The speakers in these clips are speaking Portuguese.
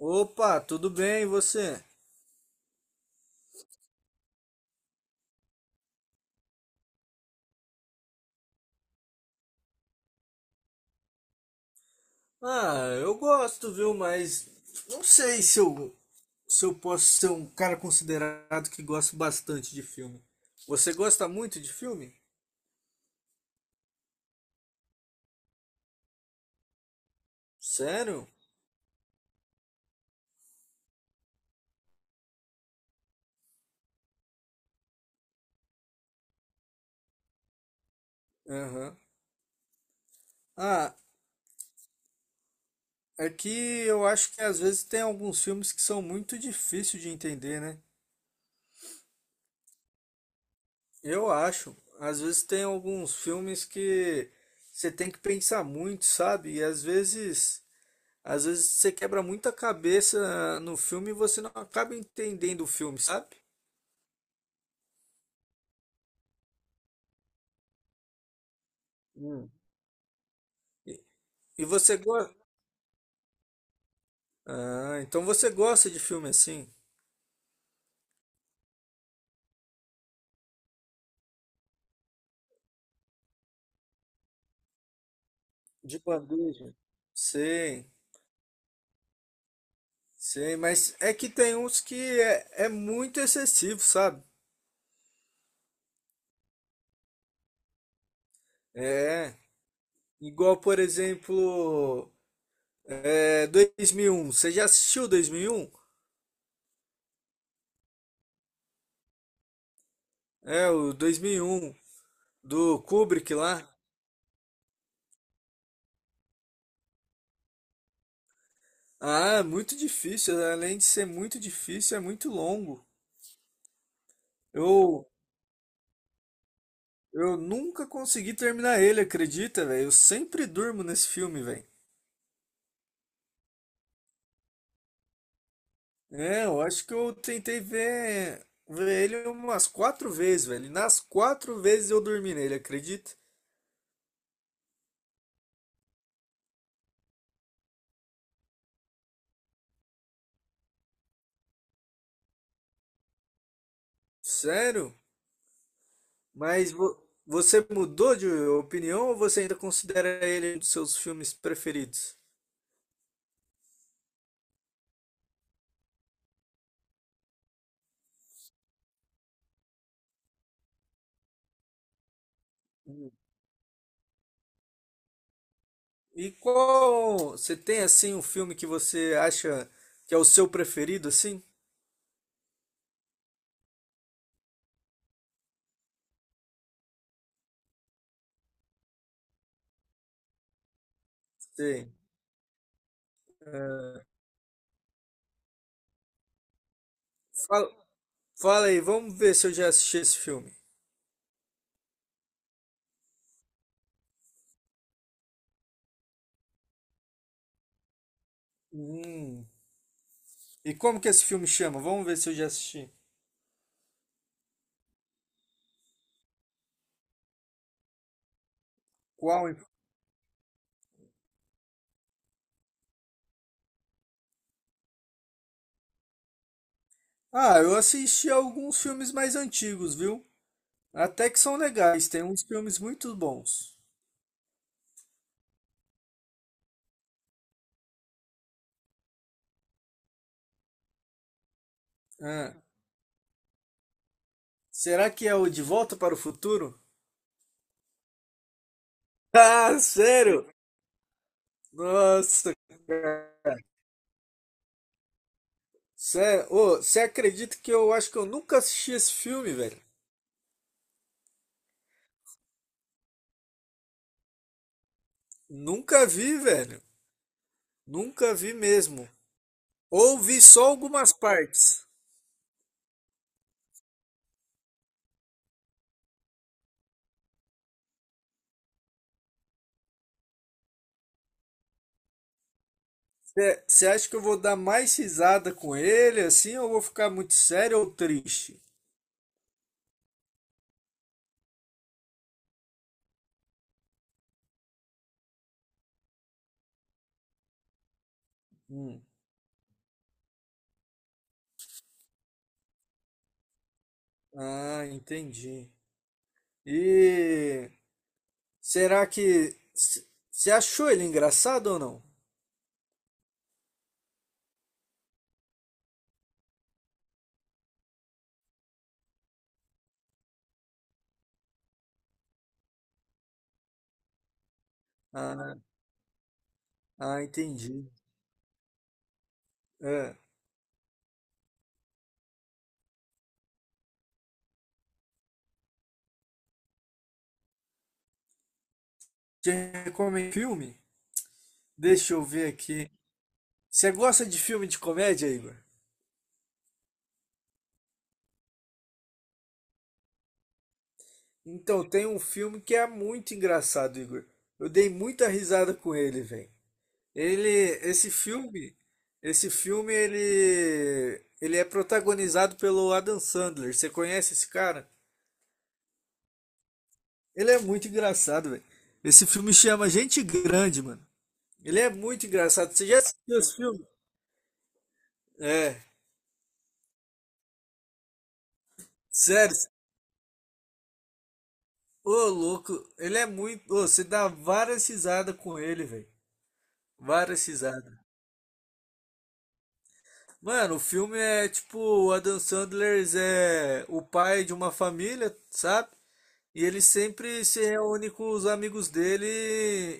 Opa, tudo bem, e você? Ah, eu gosto, viu? Mas não sei se eu posso ser um cara considerado que gosta bastante de filme. Você gosta muito de filme? Sério? Aham. Ah, é que eu acho que às vezes tem alguns filmes que são muito difíceis de entender, né? Eu acho. Às vezes tem alguns filmes que você tem que pensar muito, sabe? Às vezes você quebra muita cabeça no filme e você não acaba entendendo o filme, sabe? Hum. E e você gosta. Ah, então você gosta de filme assim? De bandeja. Sim, sim, mas é que tem uns que é muito excessivo, sabe? É, igual por exemplo, é, 2001. Você já assistiu 2001? É, o 2001 do Kubrick lá. Ah, é muito difícil. Além de ser muito difícil, é muito longo. Eu, eu nunca consegui terminar ele, acredita, velho? Eu sempre durmo nesse filme, velho. É, eu acho que eu tentei ver ele umas 4 vezes, velho. E nas 4 vezes eu dormi nele, acredita? Sério? Mas você mudou de opinião ou você ainda considera ele um dos seus filmes preferidos? Hum. E qual, você tem assim um filme que você acha que é o seu preferido, assim? Sei. Fala, Fala aí, vamos ver se eu já assisti esse filme. Hum. E como que esse filme chama? Vamos ver se eu já assisti. Qual? Ah, eu assisti alguns filmes mais antigos, viu? Até que são legais, tem uns filmes muito bons. Ah, será que é o De Volta para o Futuro? Ah, sério? Nossa, cara, sério. Ô, você acredita que eu acho que eu nunca assisti esse filme, velho? Nunca vi, velho. Nunca vi mesmo. Ou vi só algumas partes. Você acha que eu vou dar mais risada com ele assim, ou vou ficar muito sério ou triste? Hum. Ah, entendi. E será que você achou ele engraçado ou não? Ah, ah, entendi. É. Te recomendo filme? Deixa eu ver aqui. Você gosta de filme de comédia, Igor? Então, tem um filme que é muito engraçado, Igor. Eu dei muita risada com ele, velho. Ele, esse filme, esse filme ele é protagonizado pelo Adam Sandler. Você conhece esse cara? Ele é muito engraçado, velho. Esse filme chama Gente Grande, mano. Ele é muito engraçado. Você já assistiu esse filme? É, sério. Ô, louco, ele é muito. Ô, você dá várias risadas com ele, velho. Várias risadas. Mano, o filme é tipo, o Adam Sandler é o pai de uma família, sabe? E ele sempre se reúne com os amigos dele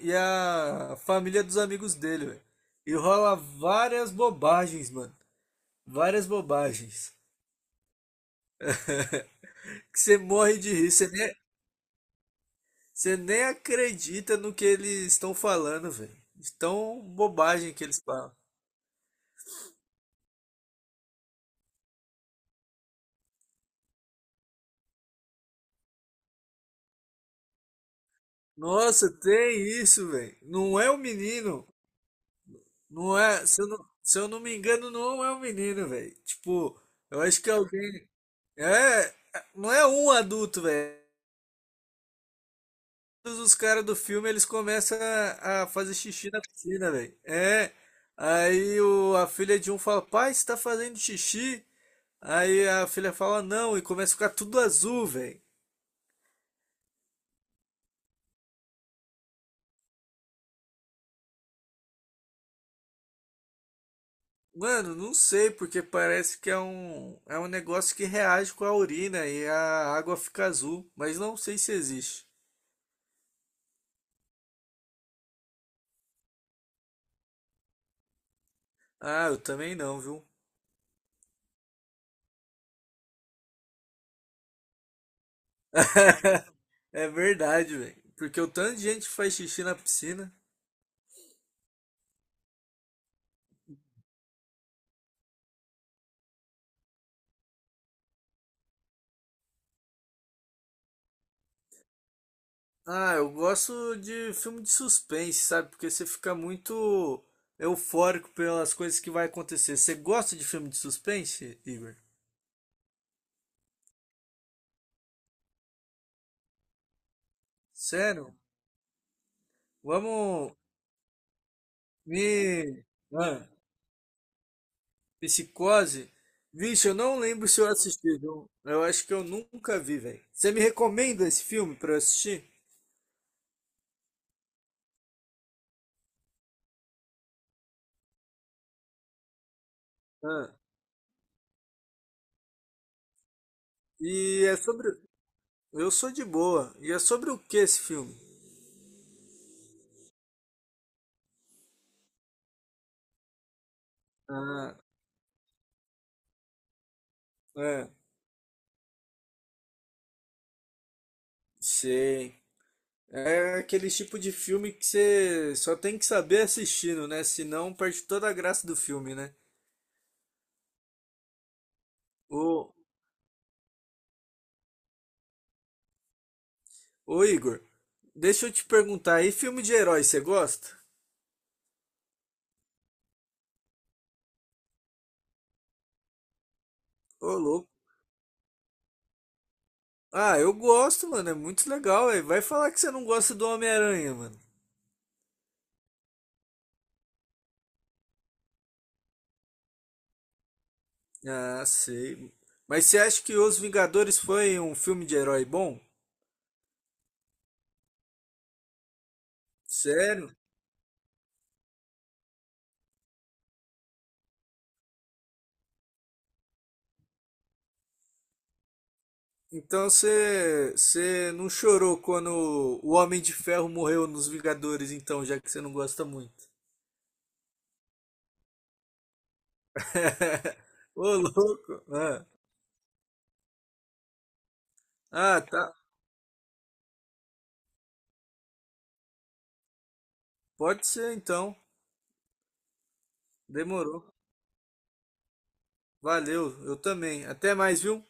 e a família dos amigos dele, velho. E rola várias bobagens, mano. Várias bobagens. Que você morre de rir. Você nem acredita no que eles estão falando, velho. De tão bobagem que eles falam. Nossa, tem isso, velho. Não é o menino. Não é. Se eu não me engano, não é o menino, velho. Tipo, eu acho que é alguém. É, é, não é um adulto, velho. Todos os caras do filme eles começam a fazer xixi na piscina, velho. É. Aí a filha de um fala, pai, você tá fazendo xixi? Aí a filha fala, não, e começa a ficar tudo azul, velho. Mano, não sei, porque parece que é um negócio que reage com a urina e a água fica azul, mas não sei se existe. Ah, eu também não, viu? É verdade, velho. Porque o tanto de gente que faz xixi na piscina. Ah, eu gosto de filme de suspense, sabe? Porque você fica muito eufórico pelas coisas que vai acontecer. Você gosta de filme de suspense, Igor? Sério? Vamos me. Ah, Psicose? Vixe, eu não lembro se eu assisti, viu? Eu acho que eu nunca vi, velho. Você me recomenda esse filme pra eu assistir? Ah, e é sobre. Eu sou de boa. E é sobre o que esse filme? Ah, é. Sei. É aquele tipo de filme que você só tem que saber assistindo, né? Senão perde toda a graça do filme, né? Ô, ô Igor, deixa eu te perguntar, aí, filme de herói, você gosta? Ô, louco. Ah, eu gosto, mano, é muito legal, velho. Vai falar que você não gosta do Homem-Aranha, mano. Ah, sei. Mas você acha que Os Vingadores foi um filme de herói bom? Sério? Então você não chorou quando o Homem de Ferro morreu nos Vingadores, então, já que você não gosta muito. Ô, louco! Ah, ah, tá. Pode ser então. Demorou. Valeu, eu também. Até mais, viu?